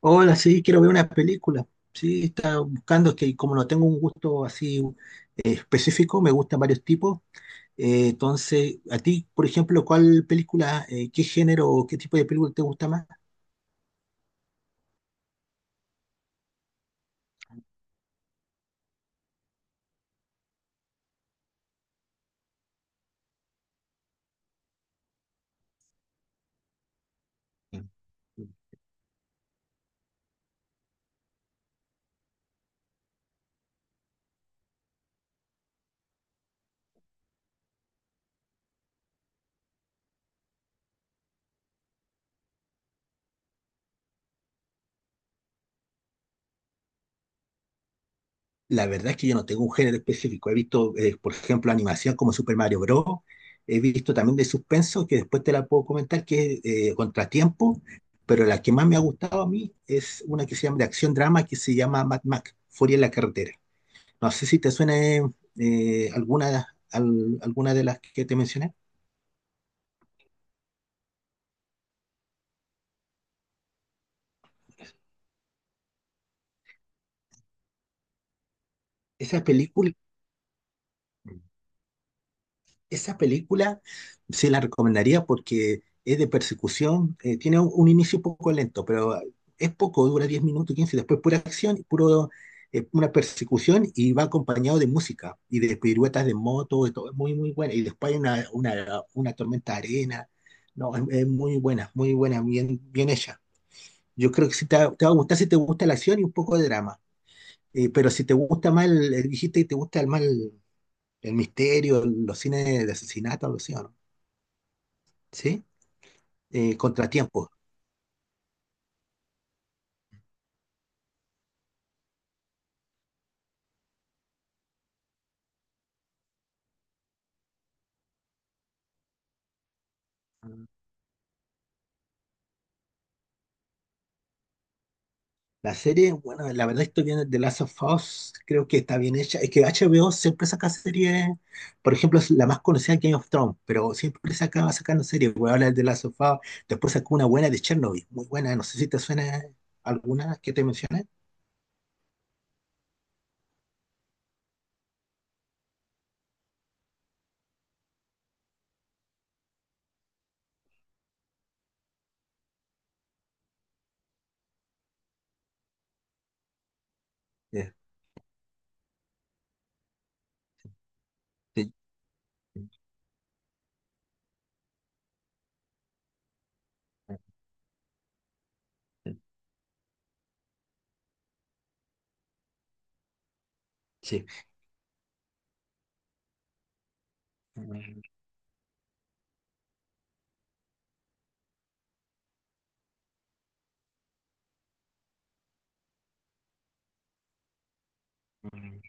Hola, sí, quiero ver una película. Sí, estaba buscando, es que como no tengo un gusto así específico, me gustan varios tipos. Entonces, a ti, por ejemplo, ¿cuál película, qué género o qué tipo de película te gusta más? La verdad es que yo no tengo un género específico. He visto, por ejemplo, animación como Super Mario Bros. He visto también de suspenso, que después te la puedo comentar, que es Contratiempo. Pero la que más me ha gustado a mí es una que se llama de acción drama, que se llama Mad Max, Furia en la carretera. No sé si te suena alguna, alguna de las que te mencioné. Esa película, esa película sí la recomendaría porque es de persecución, tiene un inicio un poco lento, pero es poco, dura 10 minutos, 15 después pura acción, puro, una persecución y va acompañado de música y de piruetas de moto, de todo, es muy, muy buena. Y después hay una tormenta de arena, no, es muy buena, bien, bien hecha. Yo creo que sí te, te va a gustar si te gusta la acción y un poco de drama. Pero si te gusta más, el, dijiste que te gusta el mal, el misterio, los cines de asesinato, algo así, ¿o ¿no? ¿Sí? Contratiempo. La serie, bueno, la verdad estoy viendo The Last of Us, creo que está bien hecha. Es que HBO siempre saca series, por ejemplo, es la más conocida Game of Thrones, pero siempre saca, va sacando series. Voy a hablar de The Last of Us, después sacó una buena de Chernobyl, muy buena, no sé si te suena alguna que te mencioné. Este, sí, mm, mm,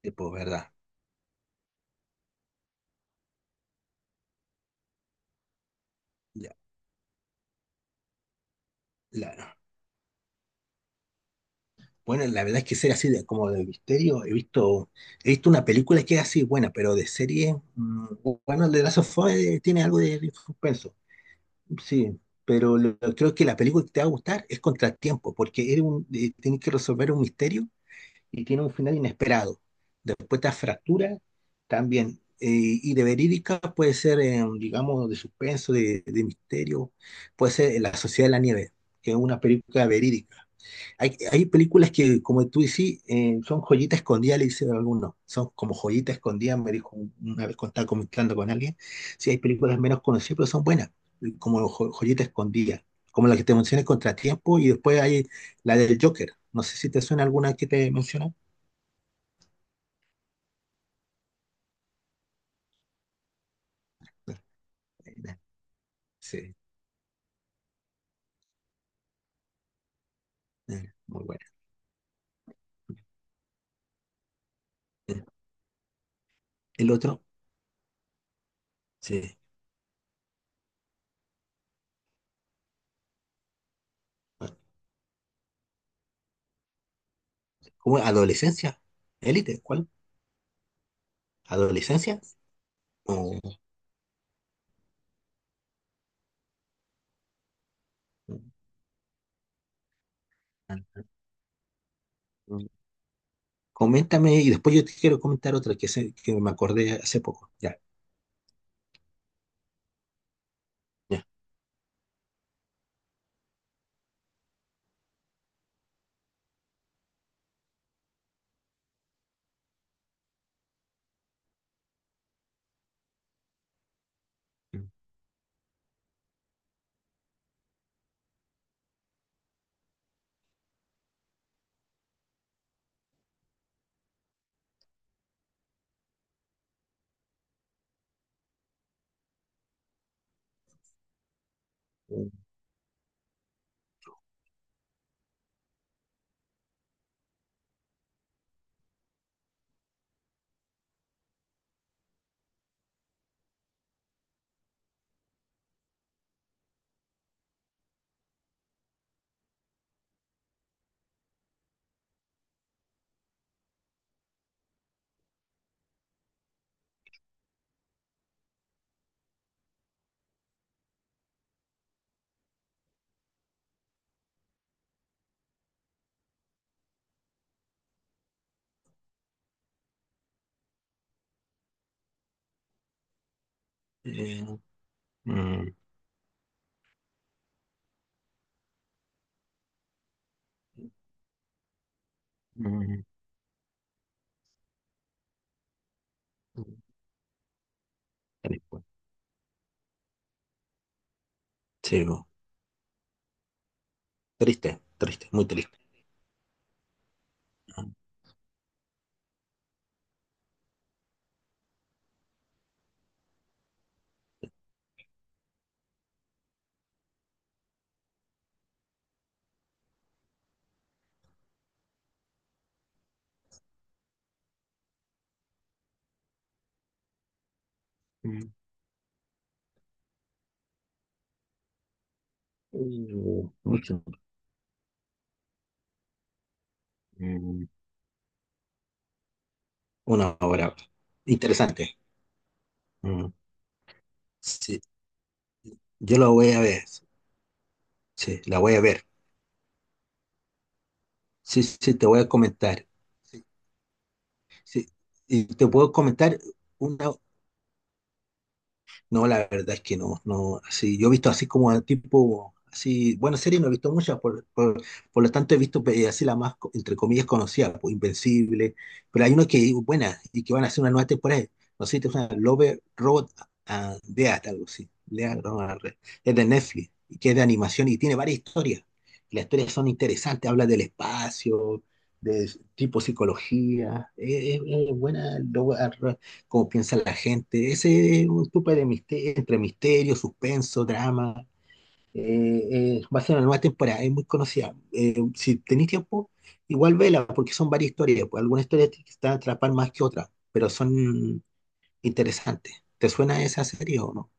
tipo, ¿verdad? Ya, la- bueno, la verdad es que ser así de, como de misterio, he visto una película que es así buena, pero de serie, mm, bueno, The Last of Us tiene algo de, suspenso, sí, pero creo que la película que te va a gustar es Contratiempo, porque eres un, tienes que resolver un misterio y tiene un final inesperado. Después te fractura también, y de verídica puede ser, digamos, de suspenso, de misterio, puede ser La Sociedad de la Nieve, que es una película verídica. Hay películas que, como tú decís, son joyita escondida, le dicen algunos. Son como joyita escondida, me dijo una vez cuando estaba comentando con alguien. Sí, hay películas menos conocidas, pero son buenas, como joyita escondida. Como la que te mencioné, Contratiempo, y después hay la del Joker. No sé si te suena alguna que te mencioné. Eh, eh, Sí, muy buena. Eh, El otro, sí. ¿Cómo? ¿Adolescencia? ¿Élite? ¿Cuál? ¿Adolescencia? O- coméntame y después yo te quiero comentar otra que, que me acordé hace poco. Ya, ya. Mm, eh, mm, mm, mm. Sí, no. Triste, triste, muy triste. Mm, mm, mucho. Mm, una hora. Interesante. Mm, sí, yo la voy a ver. Sí, la voy a ver. Sí, sí, te voy a comentar. Sí, sí. Y te puedo comentar una. No, la verdad es que no, no, así, yo he visto así como al tipo, así, bueno series no he visto muchas, por lo tanto he visto así la más, entre comillas, conocida, pues, Invencible, pero hay una que es buena y que van a hacer una nueva temporada, no sé si te suena, Love, Robot and Death, algo así, Death, Robot es de Netflix, y que es de animación y tiene varias historias, y las historias son interesantes, habla del espacio, de tipo psicología, es buena, cómo piensa la gente. Ese es un tipo de misterio, entre misterio, suspenso, drama. Va a ser una nueva temporada, es muy conocida. Si tenéis tiempo, igual vela, porque son varias historias. Pues, algunas historias te van a atrapar más que otras, pero son interesantes. ¿Te suena esa serie o no?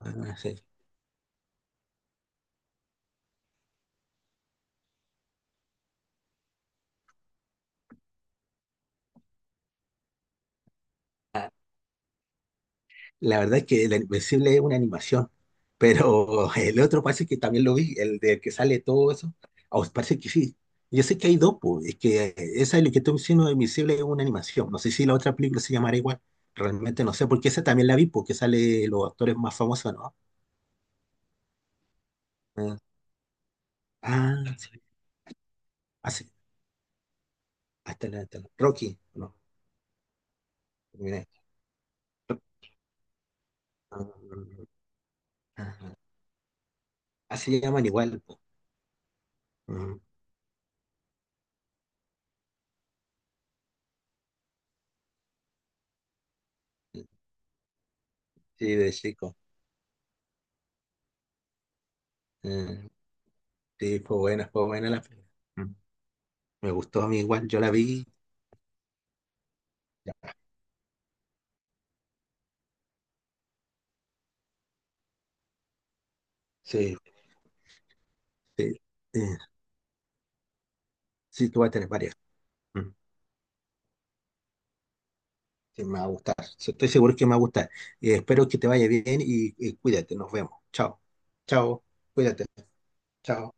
Ah, sí. La verdad es que el Invencible es una animación, pero el otro parece que también lo vi, el de que sale todo eso. Ah, os parece que sí. Yo sé que hay dos, pues, es que esa es lo que estoy diciendo, Invencible es una animación. No sé si la otra película se llamará igual. Realmente no sé, porque esa también la vi, porque sale los actores más famosos, ¿no? Eh, ah, sí. Ah, sí. Hasta la, Rocky, no. Mira. Ah, ah, ah, se llaman igual. Pues. Mm. Sí, de chico. Mm. Sí, fue buena la película. Mm. Me gustó a mí igual, yo la vi. Ya. Sí, sí, eh, sí, tú vas a tener varias. Mm, sí, me va a gustar. Sí, estoy seguro que me va a gustar. Espero que te vaya bien y cuídate. Nos vemos. Chao. Chao. Cuídate. Chao.